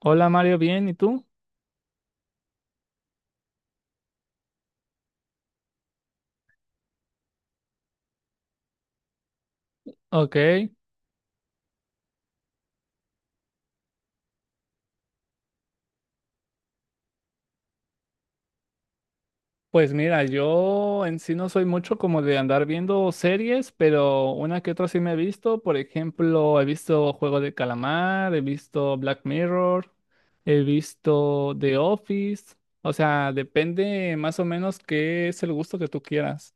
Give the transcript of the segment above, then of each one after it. Hola Mario, bien, ¿y tú? Ok, pues mira, yo en sí no soy mucho como de andar viendo series, pero una que otra sí me he visto. Por ejemplo, he visto Juego de Calamar, he visto Black Mirror, he visto The Office. O sea, depende más o menos qué es el gusto que tú quieras.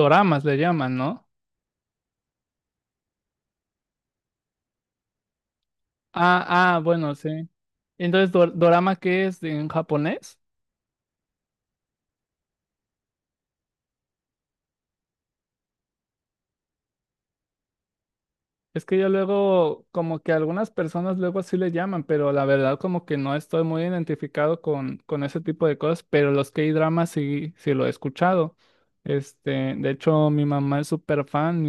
Doramas le llaman, ¿no? Ah, ah, bueno, sí. Entonces, ¿dorama qué es en japonés? Es que yo luego, como que algunas personas luego así le llaman, pero la verdad como que no estoy muy identificado con ese tipo de cosas, pero los K-dramas sí, sí lo he escuchado. Este, de hecho, mi mamá es súper fan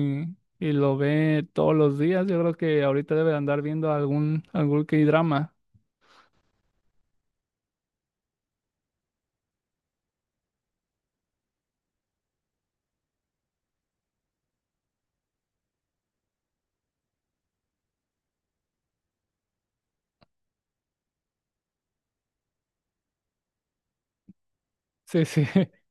y lo ve todos los días. Yo creo que ahorita debe de andar viendo algún K-drama. Sí, sí.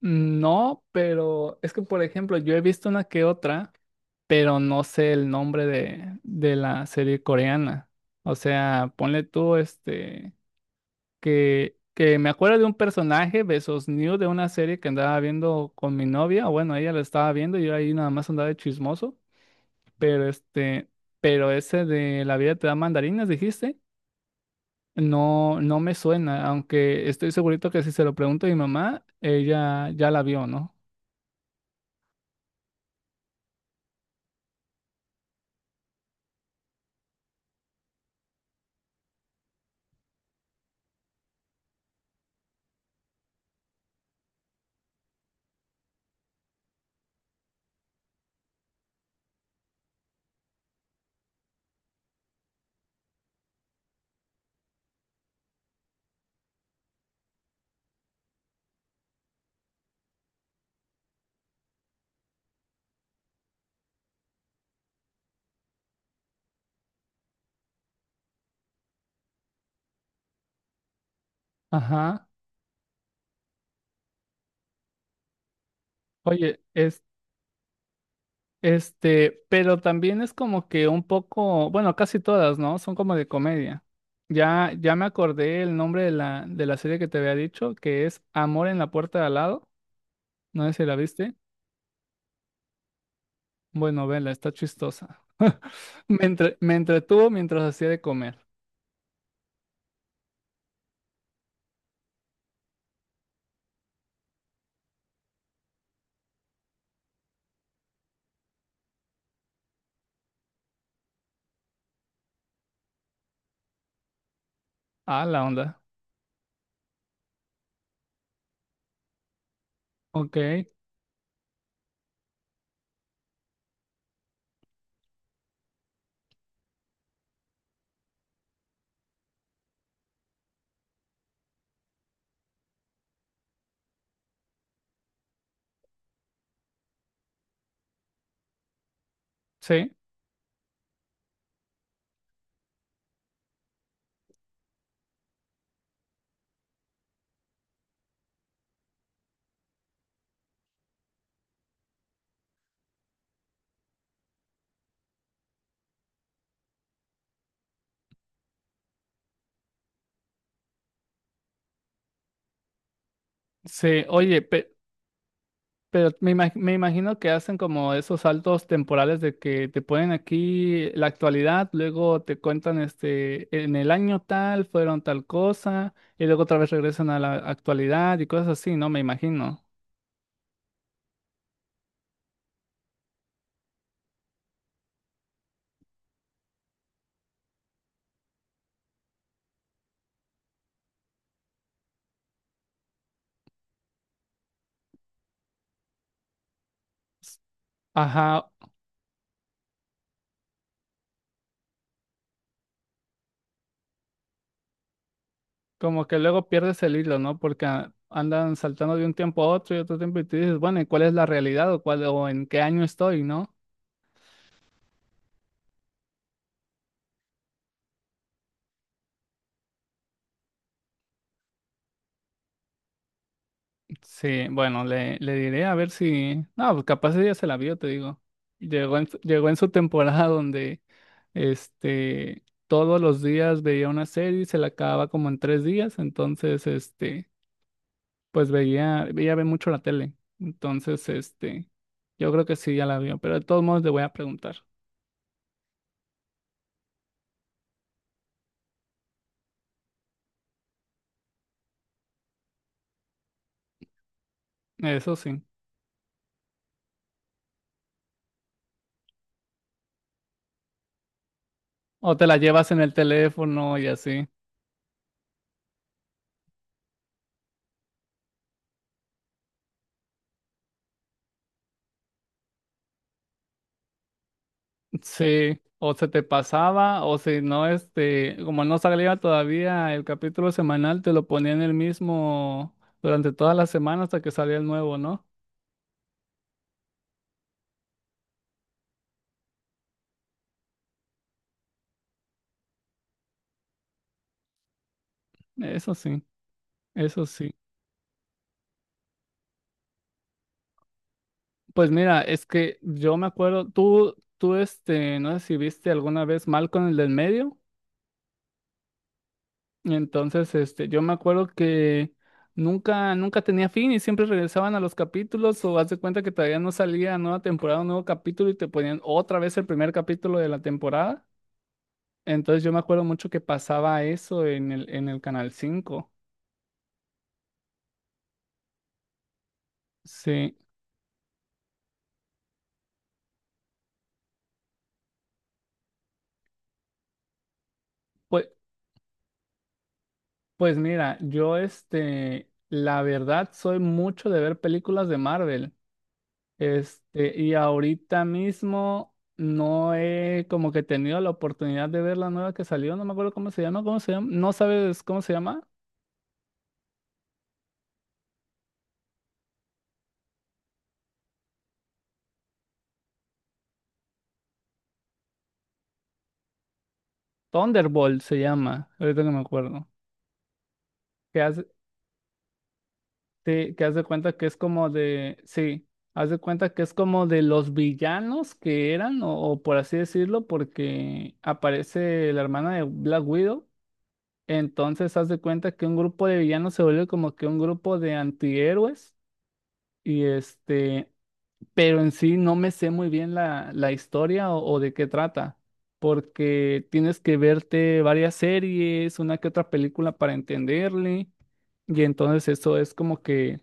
No, pero es que, por ejemplo, yo he visto una que otra, pero no sé el nombre de la serie coreana. O sea, ponle tú este... que me acuerdo de un personaje, Besos New, de una serie que andaba viendo con mi novia, o bueno, ella la estaba viendo, y yo ahí nada más andaba de chismoso, pero este, pero ese de La vida te da mandarinas, dijiste, no, no me suena, aunque estoy segurito que si se lo pregunto a mi mamá, ella ya la vio, ¿no? Ajá. Oye, este, pero también es como que un poco, bueno, casi todas, ¿no? Son como de comedia. Ya, ya me acordé el nombre de la serie que te había dicho, que es Amor en la puerta de al lado. No sé si la viste. Bueno, vela, está chistosa. Me entretuvo mientras hacía de comer. Ah, la onda. Ok, sí, sí. Oye, pero me imagino que hacen como esos saltos temporales de que te ponen aquí la actualidad, luego te cuentan este, en el año tal fueron tal cosa, y luego otra vez regresan a la actualidad y cosas así, ¿no? Me imagino. Ajá, como que luego pierdes el hilo, ¿no? Porque andan saltando de un tiempo a otro y otro tiempo y te dices, bueno, ¿y cuál es la realidad o cuál o en qué año estoy? ¿No? Sí, bueno, le diré a ver si. No, pues capaz ella se la vio, te digo. Llegó en su temporada donde este todos los días veía una serie y se la acababa como en 3 días. Entonces, este, pues ella ve mucho la tele. Entonces, este, yo creo que sí ya la vio, pero de todos modos le voy a preguntar. Eso sí. O te la llevas en el teléfono y así. Sí, o se te pasaba, o si no, este, como no salía todavía el capítulo semanal, te lo ponían el mismo durante toda la semana hasta que salía el nuevo, ¿no? Eso sí, eso sí. Pues mira, es que yo me acuerdo, tú, este, no sé si viste alguna vez mal con el del medio, y entonces, este, yo me acuerdo que nunca tenía fin y siempre regresaban a los capítulos o haz de cuenta que todavía no salía nueva temporada, un nuevo capítulo y te ponían otra vez el primer capítulo de la temporada. Entonces yo me acuerdo mucho que pasaba eso en el Canal 5. Sí, pues, pues mira, yo este, la verdad soy mucho de ver películas de Marvel. Este, y ahorita mismo no he como que tenido la oportunidad de ver la nueva que salió, no me acuerdo cómo se llama, ¿cómo se llama? ¿No sabes cómo se llama? Thunderbolt se llama, ahorita que me acuerdo. Que hace- Sí, que haz de cuenta que es como de, sí, haz de cuenta que es como de los villanos que eran, o por así decirlo, porque aparece la hermana de Black Widow, entonces haz de cuenta que un grupo de villanos se vuelve como que un grupo de antihéroes, y este, pero en sí no me sé muy bien la historia o de qué trata, porque tienes que verte varias series, una que otra película para entenderle, y entonces eso es como que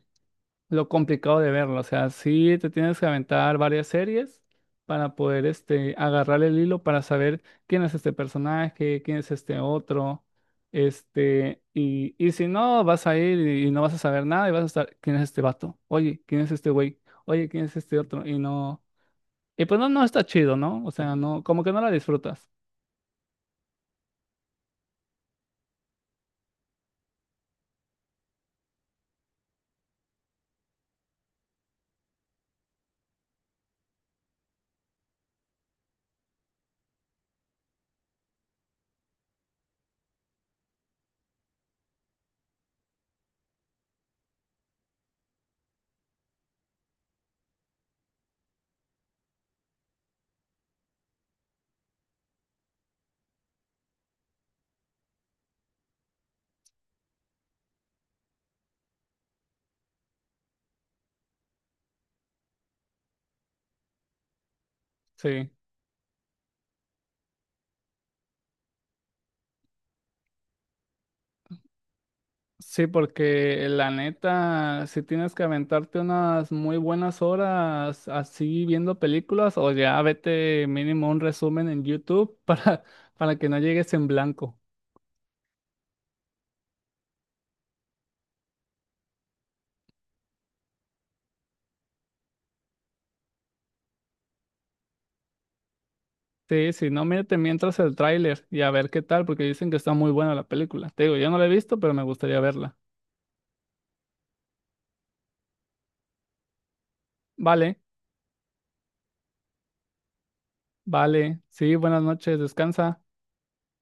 lo complicado de verlo. O sea, sí te tienes que aventar varias series para poder este, agarrar el hilo para saber quién es este personaje, quién es este otro. Este, y si no, vas a ir y no vas a saber nada y vas a estar, ¿quién es este vato? Oye, ¿quién es este güey? Oye, ¿quién es este otro? Y no, y pues no, no está chido, ¿no? O sea, no, como que no la disfrutas. Sí. Sí, porque la neta, si tienes que aventarte unas muy buenas horas así viendo películas, o ya vete mínimo un resumen en YouTube para que no llegues en blanco. Sí, si no, mírate mientras el tráiler y a ver qué tal, porque dicen que está muy buena la película. Te digo, yo no la he visto, pero me gustaría verla. Vale, vale, sí, buenas noches, descansa.